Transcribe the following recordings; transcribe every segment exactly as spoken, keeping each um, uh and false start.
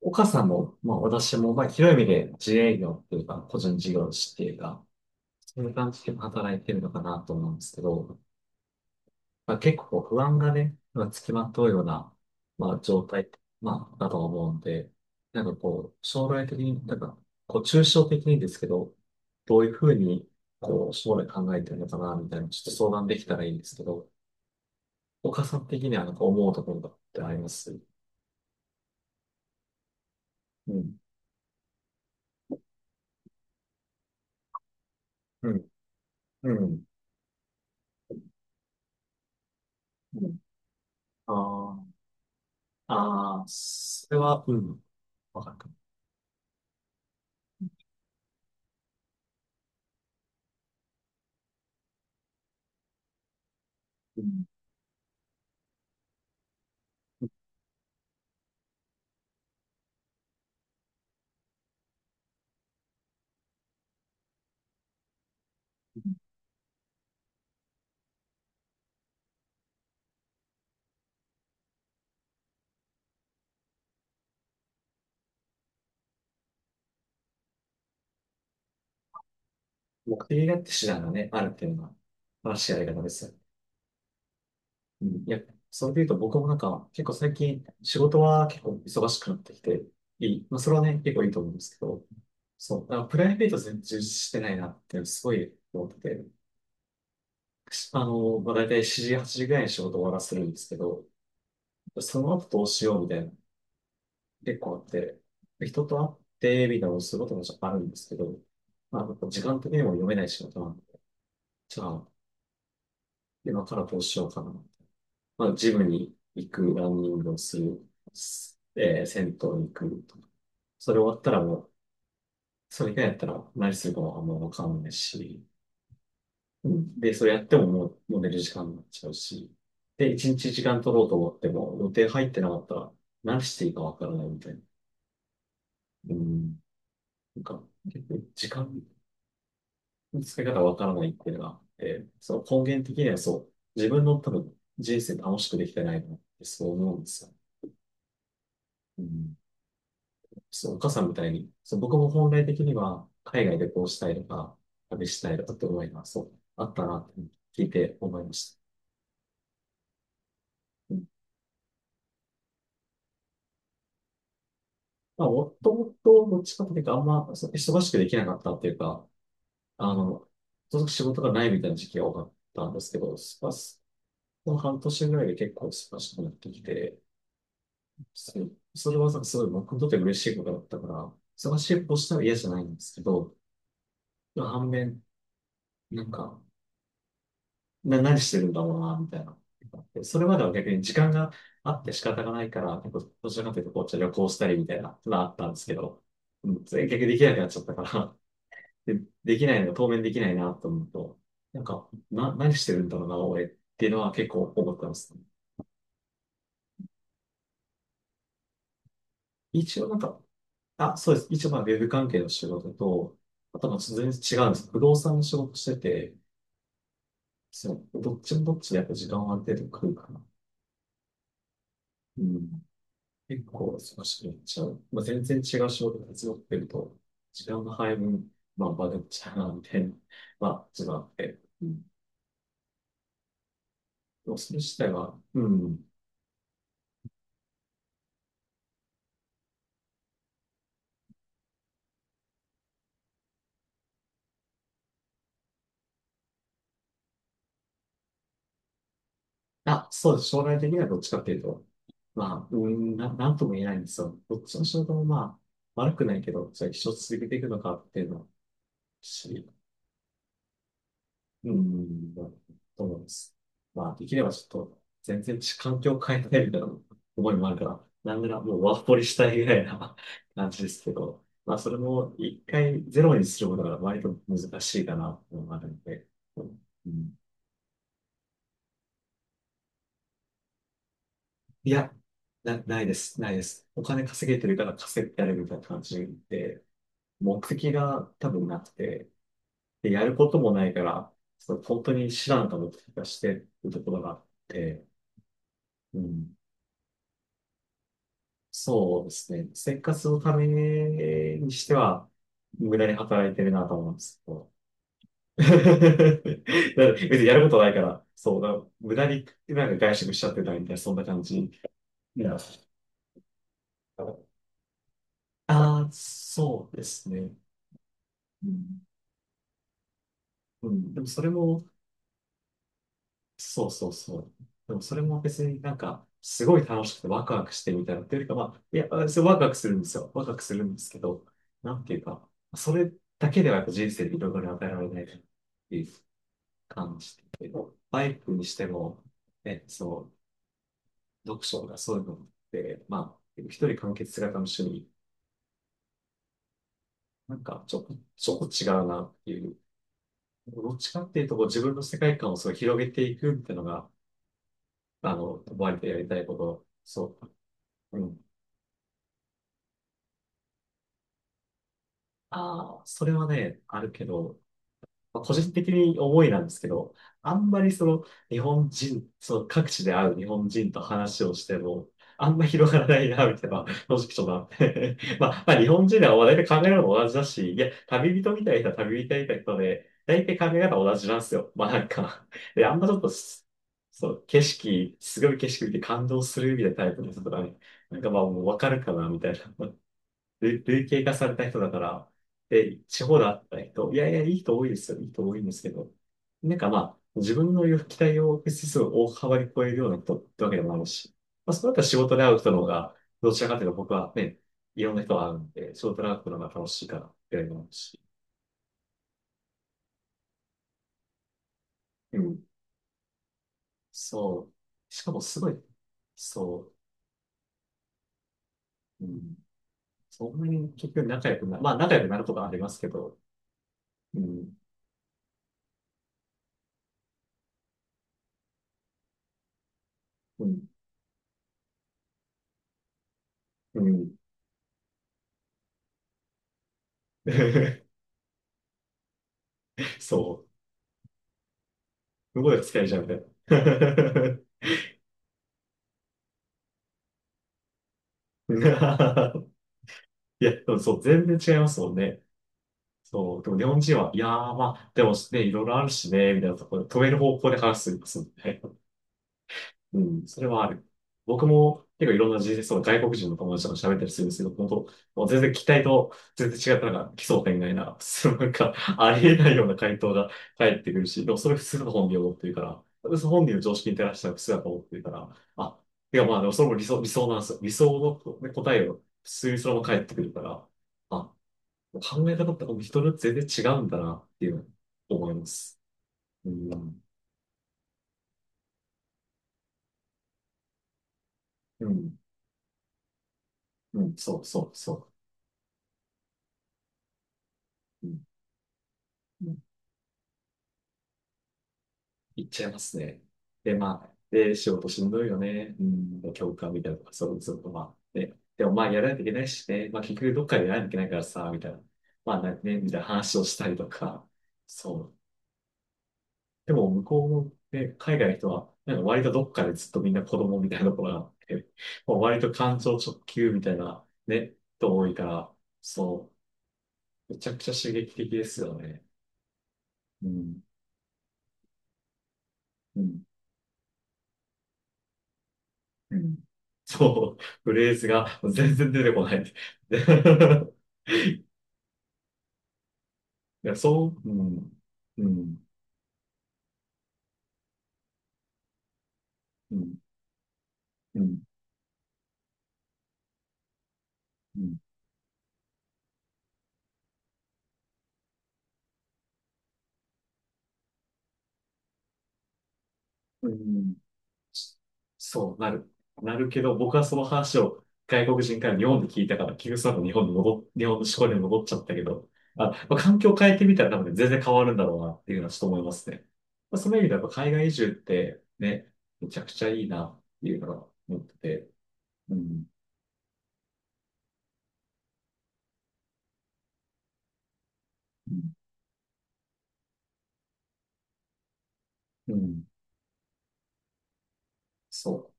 岡さんも、まあ私も、まあ広い意味で自営業っていうか、個人事業主っていうか、そういう感じで働いてるのかなと思うんですけど、まあ結構不安がね、まあ、つきまとうような、まあ状態、まあだと思うんで、なんかこう、将来的に、なんか、こう、抽象的にですけど、どういうふうに、こう、将来考えてるのかな、みたいな、ちょっと相談できたらいいんですけど、岡さん的にはなんか思うところってあります。うん。うん。うん。うん。ああ。ああ、それは、うん、わかるかも。うん、目的があって手段がね、あるっていうのが、正しいやり方ですよね。うん、いや、それで言うと僕もなんか、結構最近、仕事は結構忙しくなってきて、いい。まあ、それはね、結構いいと思うんですけど、そう、だからプライベート全然充実してないなって、すごい思ってて、あの、まあ、大体しちじ、はちじぐらいに仕事終わらせるんですけど、その後どうしようみたいな結構あって、人と会ってみたいなのをすることもあるんですけど、まあ、こ時間的にも読めない仕事なんで、じゃあ、今からどうしようかな。まあ、ジムに行く、ランニングをする、すえー、銭湯に行くとか。それ終わったらもう、それ以外やったら何するかはあんまわかんないし、うんで、それやってももう、もう寝る時間になっちゃうし、で、一日時間取ろうと思っても、予定入ってなかったら、何していいかわからないみたいな。うん、なんか、結構時間使い方わからないっていうのがあって、その根源的にはそう、自分の多分人生楽しくできてないなってそう思うんですよ。うん、そう、お母さんみたいに、そう僕も本来的には海外でこうしたいとか、旅したいとかって思いがそう、あったなって聞いて思いました。うん。まあ、もともとどっちかというとあんまそう忙しくできなかったっていうか、あの、とにかく仕事がないみたいな時期が多かったんですけど、まあ、この半年ぐらいで結構忙しくなってきて、それそれはすごい僕にとって嬉しいことだったから、忙しいことしたら嫌じゃないんですけど、反面、なんか、な、何してるんだろうな、みたいな。それまでは逆に時間があって仕方がないから、結構、どちらかというと、こう、じゃあ旅行したりみたいなのがあったんですけど、うん、それ逆にできなくなっちゃったから、で、できないのが当面できないな、と思うと、なんか、な、何してるんだろうな、俺っていうのは結構思ったんですね。一応なんか、あ、そうです。一応まあ、ウェブ関係の仕事と、あとは全然違うんです。不動産の仕事してて、そう、どっちもどっちでやっぱ時間はある程度来るかな。うん。結構忙しくなっちゃう。まあ、全然違う仕事が強くてると、時間の配分、まあ、バレちゃうな、みたいな、まあ、自分あって。うん。でもそれ自体は、うん。あ、そうです。将来的にはどっちかっていうと、まあ、うん、な、なんとも言えないんですよ。どっちの仕事もまあ、悪くないけど、じゃあ一生続けていくのかっていうのは、し、うん、まあ、そうなんです。まあ、できればちょっと、全然環境を変えたいみたいな思いもあるから、なんならもうワーホリしたいぐらいな 感じですけど、まあ、それも一回ゼロにすることが割と難しいかなと思うのがあるんで、うん、いや、な、ないです、ないです。お金稼げてるから稼いでやるみたいな感じで、目的が多分なくて、で、やることもないから、そう、本当に知らんかもとかしてるところがあって、うん。そうですね。生活のためにしては、無駄に働いてるなと思うんですけど。だ別にやることないから、そうだ、無駄になんか外食しちゃってたみたいな、そんな感じ。いや、ああ、そうですね。うん、うん、でもそれも、そうそうそう。でもそれも別になんか、すごい楽しくてワクワクしてみたいなっていうよりか、まあ、いや、それワクワクするんですよ。ワクワクするんですけど、なんていうか、それだけではやっぱ人生でいろいろ与えられないっていう感じで、バイクにしても、ね、そう、読書がそういうのって、まあ、一人完結型の趣味、なんかちょ、ちょっと違うなっていう、どっちかっていうとこう自分の世界観をそう広げていくっていうのが、あの、バイクでやりたいこと、そう。うん、ああ、それはね、あるけど、まあ個人的に思いなんですけど、あんまりその日本人、その各地で会う日本人と話をしても、あんま広がらないな、みたいな、正直ちょっとあって。まあ、まあ、日本人では大体考え方も同じだし、いや、旅人みたいな人は旅人みたいな人で、大体考え方同じなんですよ。まあなんか、で、あんまちょっとす、そう、景色、すごい景色見て感動するみたいなタイプの人とかね、なんかまあもうわかるかな、みたいな。類、類型化された人だから、で、地方だった人、いやいや、いい人多いですよ。いい人多いんですけど、なんかまあ、自分の期待を指数を大幅に超えるような人ってわけでもあるし、まあ、そうだったら仕事で会う人の方が、どちらかというと僕はね、いろんな人が会うんで、仕事で会うのが楽しいからっていうのもあるし、うん。そう。しかもすごい、そう、うん。そんなに結局仲良くな、まあ仲良くなることはありますけど、うん、うん、うん。そう。どこで使えちゃうみたいな いや、でもそう、全然違いますもんね。そう、でも日本人は、いやー、まあ、でもね、いろいろあるしね、みたいなところで、止める方向で話すんですもんね。うん、それはある。僕も結構いろんな人生そ外国人の友達とか喋ったりするんですけど、本当、もう全然期待と全然違ったのが奇想天外な、そうなんか、ありえないような回答が返ってくるし、でもそれ普通の本人を持ってるから、私本人の常識に照らしたら普通だと思ってるから、あ、いやまあでもそれも理想、理想なんですよ。理想のね答えを普通にそのまま返ってくるから、あ、考え方ってもう人によって全然違うんだなっていうのを思います。うん、うん、うん、そうそうそう。うん、行っちゃいますね。で、まあ、で、仕事しんどいよね。うん、教官みたいなとか、そうそうと、まあ、ね。でもまあ、やらないといけないしね。まあ、結局どっかでやらないといけないからさ、みたいな。まあ、なね、みたいな話をしたりとか。そう。でも、向こうの、ね、海外の人は、なんか割とどっかでずっとみんな子供みたいなところがあって、もう割と感情直球みたいな、ね、人多いから、そう。めちゃくちゃ刺激的ですよね。うん。うん。うん。そう、フレーズが全然出てこない。で いや、そう、うん、うん、うん、うん、うん、うん。そう、なる。なるけど、僕はその話を外国人から日本で聞いたから、結局その後日本に戻っ、日本の思考に戻っちゃったけど、あ、まあ、環境を変えてみたら多分全然変わるんだろうなっていうのはちょっと思いますね。まあ、その意味ではやっぱ海外移住ってね、めちゃくちゃいいなっていうのが思ってて、うん、うん、うん、そう。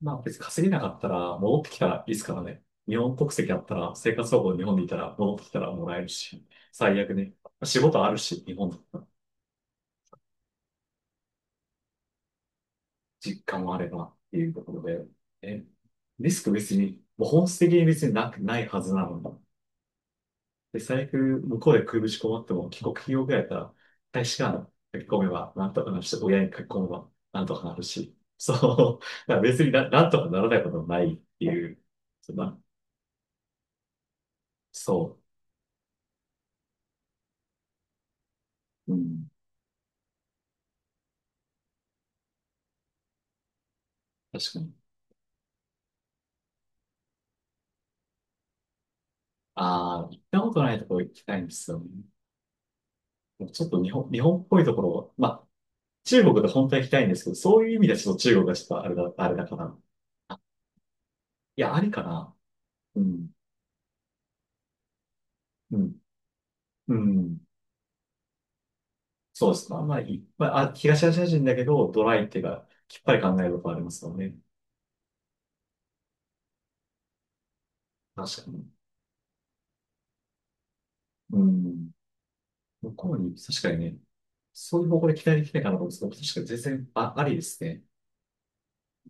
まあ別に稼げなかったら戻ってきたらいいですからね。日本国籍あったら、生活保護日本でいたら戻ってきたらもらえるし、最悪ね。仕事あるし、日本だったら実家もあればっていうところで、え、リスク別に、もう本質的に別になく、ないはずなのに。で、最悪向こうで食いぶち困っても帰国企業ぐらいだったら、大使館書き込めばなんとかなるし、親に書き込めばなんとかなるし、そう、だから別にな、なんとかならないこともないっていう、そんな、そう、うん、確かに。ああ、行ったことないところ行きたいんですよね。もうちょっと日本、日本っぽいところ、まあ、中国で本当は行きたいんですけど、そういう意味ではちょっと中国がちょっとあれだ、あれだから。あ、いや、ありかな。うん、うん、うん。そうですね。まあ、いっぱい、まあ、あ東アジア人だけど、ドライっていうか、きっぱり考えることありますよね。確かに。うん。向こうに、確かにね、そういう方向で期待できないかなと思うんですけど、確かに全然、あ、ありですね。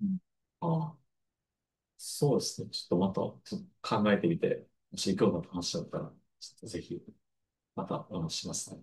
うん。あ、そうですね。ちょっとまた、ちょっと考えてみて、もし興味のあった話だったら、ちょっとぜひ、またお話ししますね。